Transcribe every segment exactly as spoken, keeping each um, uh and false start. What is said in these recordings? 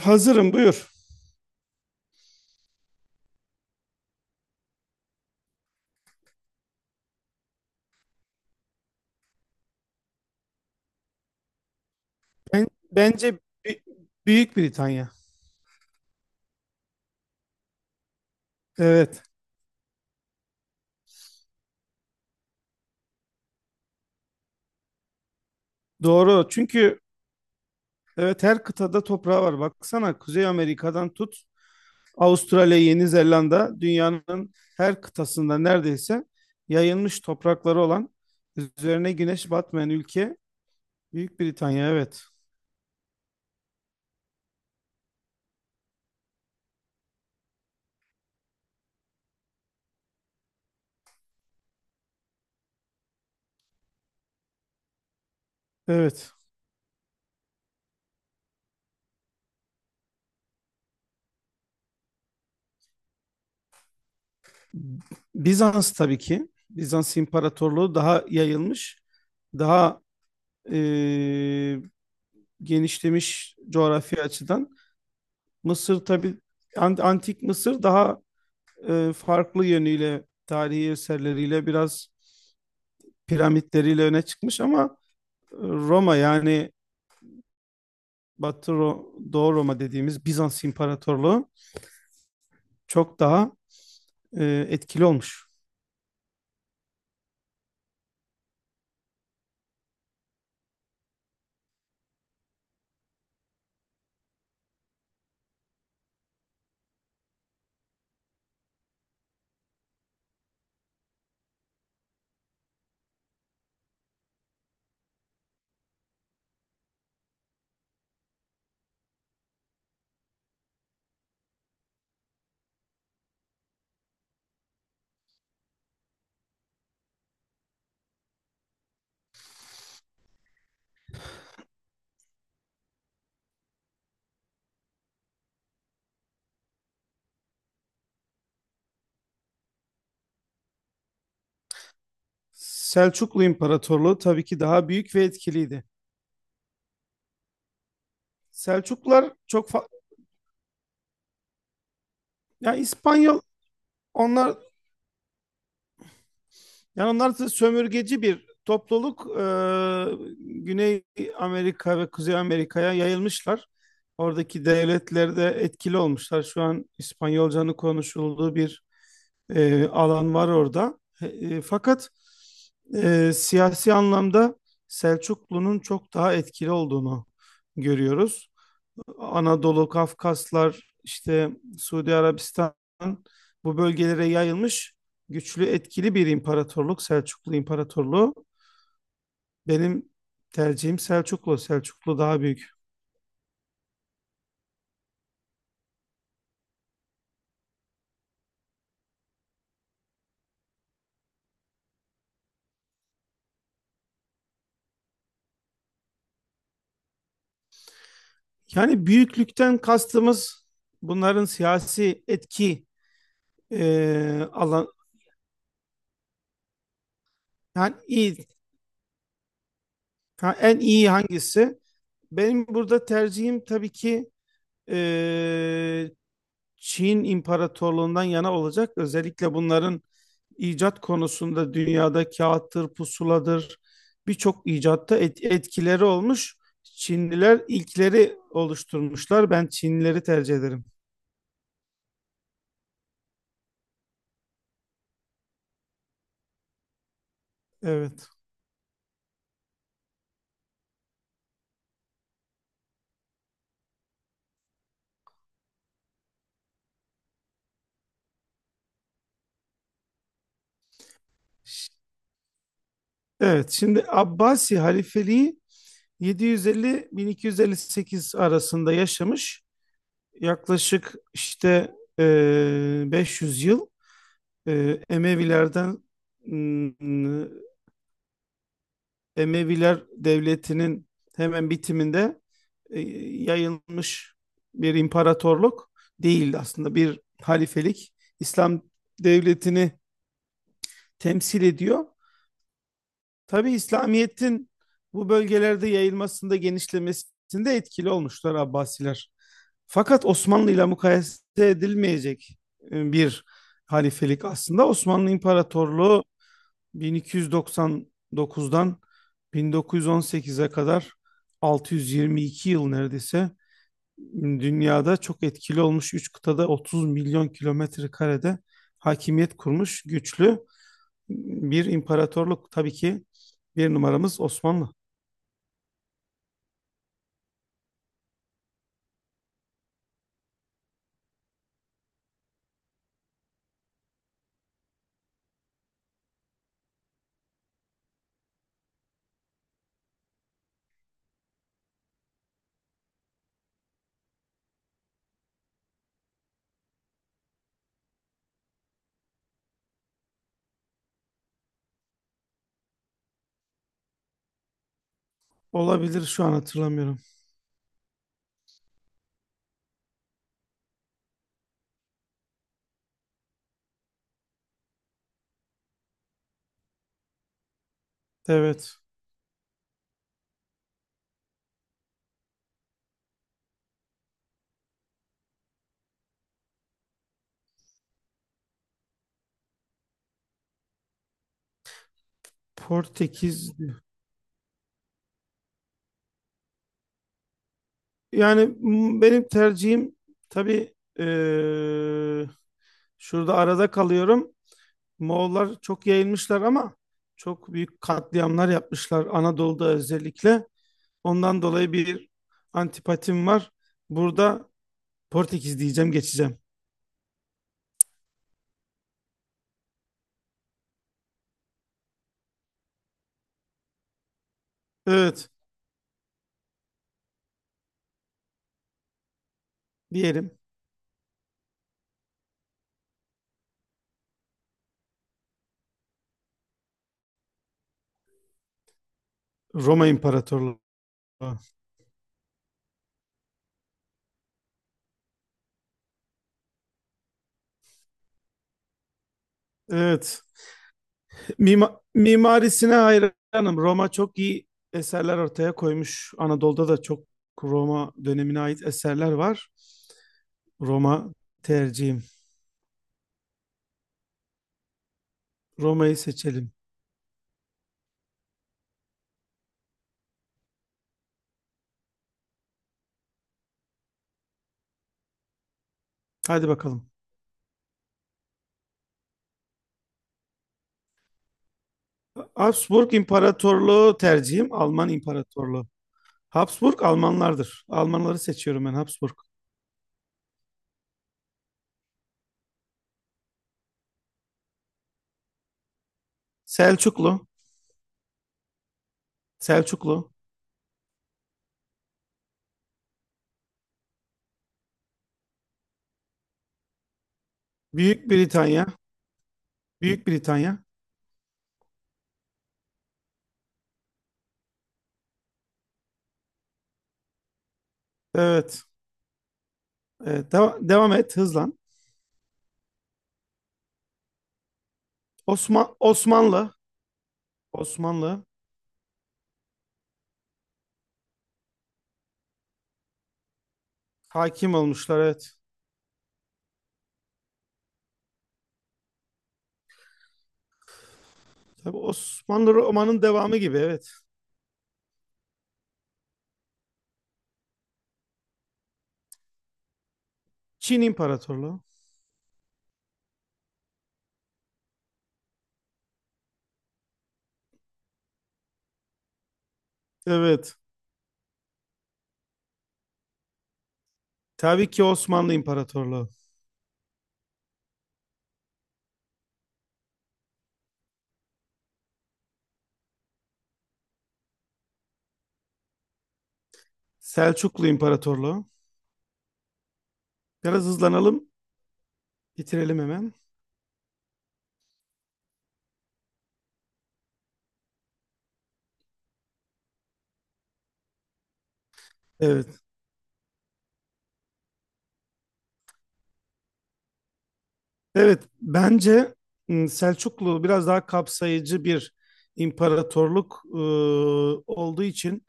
Hazırım buyur. Ben, bence Bi- Büyük Britanya. Evet doğru çünkü evet her kıtada toprağı var. Baksana Kuzey Amerika'dan tut Avustralya, Yeni Zelanda dünyanın her kıtasında neredeyse yayılmış toprakları olan üzerine güneş batmayan ülke Büyük Britanya evet. Evet. Bizans tabii ki. Bizans İmparatorluğu daha yayılmış, daha eee, genişlemiş coğrafi açıdan. Mısır tabii an- antik Mısır daha e, farklı yönüyle tarihi eserleriyle biraz piramitleriyle öne çıkmış ama e, Roma yani Batı Ro- Doğu Roma dediğimiz Bizans İmparatorluğu çok daha e, etkili olmuş. Selçuklu İmparatorluğu tabii ki daha büyük ve etkiliydi. Selçuklular çok fa- ya İspanyol onlar Yani onlar da sömürgeci bir topluluk. Ee, Güney Amerika ve Kuzey Amerika'ya yayılmışlar. Oradaki devletlerde etkili olmuşlar. Şu an İspanyolcanın konuşulduğu bir e, alan var orada. E, e, fakat e, siyasi anlamda Selçuklu'nun çok daha etkili olduğunu görüyoruz. Anadolu, Kafkaslar, işte Suudi Arabistan bu bölgelere yayılmış güçlü, etkili bir imparatorluk, Selçuklu İmparatorluğu. Benim tercihim Selçuklu. Selçuklu daha büyük. Yani büyüklükten kastımız bunların siyasi etki e, alan yani iyi ha- en iyi hangisi? Benim burada tercihim tabii ki e, Çin imparatorluğundan yana olacak. Özellikle bunların icat konusunda dünyada kağıttır, pusuladır birçok icatta et- etkileri olmuş. Çinliler ilkleri oluşturmuşlar. Ben Çinlileri tercih ederim. Evet. Ş- Evet, şimdi Abbasi halifeliği yedi yüz elli bin iki yüz elli sekiz arasında yaşamış. Yaklaşık işte e, beş yüz yıl e, Emevilerden m, Emeviler Devleti'nin hemen bitiminde e, yayılmış bir imparatorluk değildi aslında bir halifelik. İslam devletini temsil ediyor. Tabi İslamiyet'in bu bölgelerde yayılmasında genişlemesinde etkili olmuşlar Abbasiler. Fakat Osmanlı ile mukayese edilmeyecek e, bir halifelik aslında. Osmanlı İmparatorluğu bin iki yüz doksan dokuzdan bin dokuz yüz on sekize kadar altı yüz yirmi iki yıl neredeyse dünyada çok etkili olmuş üç kıtada otuz milyon kilometre karede hakimiyet kurmuş güçlü bir imparatorluk. Tabii ki bir numaramız Osmanlı. Olabilir şu an hatırlamıyorum. Evet. Portekiz. Yani m- benim tercihim tabii eee, şurada arada kalıyorum. Moğollar çok yayılmışlar ama çok büyük katliamlar yapmışlar Anadolu'da özellikle. Ondan dolayı bir antipatim var. Burada Portekiz diyeceğim geçeceğim. Evet diyelim Roma İmparatorluğu. Evet Mima- mimarisine hayranım. Roma çok iyi eserler ortaya koymuş. Anadolu'da da çok Roma dönemine ait eserler var. Roma tercihim. Roma'yı seçelim. Hadi bakalım. Habsburg İmparatorluğu tercihim Alman İmparatorluğu. Habsburg Almanlardır. Almanları seçiyorum ben Habsburg. Selçuklu, Selçuklu. Büyük Britanya, Büyük Britanya. Evet. Evet, deva- devam et hızlan. Osman Osmanlı, Osmanlı hakim olmuşlar evet. Tabii Osmanlı romanın devamı gibi evet. Çin İmparatorluğu. Evet. Tabii ki Osmanlı İmparatorluğu. Selçuklu İmparatorluğu. Biraz hızlanalım, bitirelim hemen. Evet. Evet, bence m, Selçuklu biraz daha kapsayıcı bir imparatorluk e, olduğu için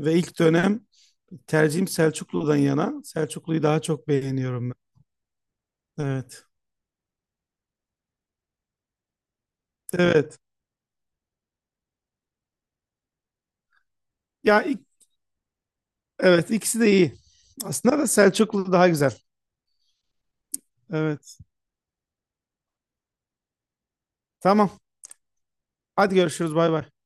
ve ilk dönem tercihim Selçuklu'dan yana. Selçuklu'yu daha çok beğeniyorum ben. Evet. Evet. Ya ik- evet ikisi de iyi. Aslında da Selçuklu daha güzel. Evet. Tamam. Hadi görüşürüz. Bay bay.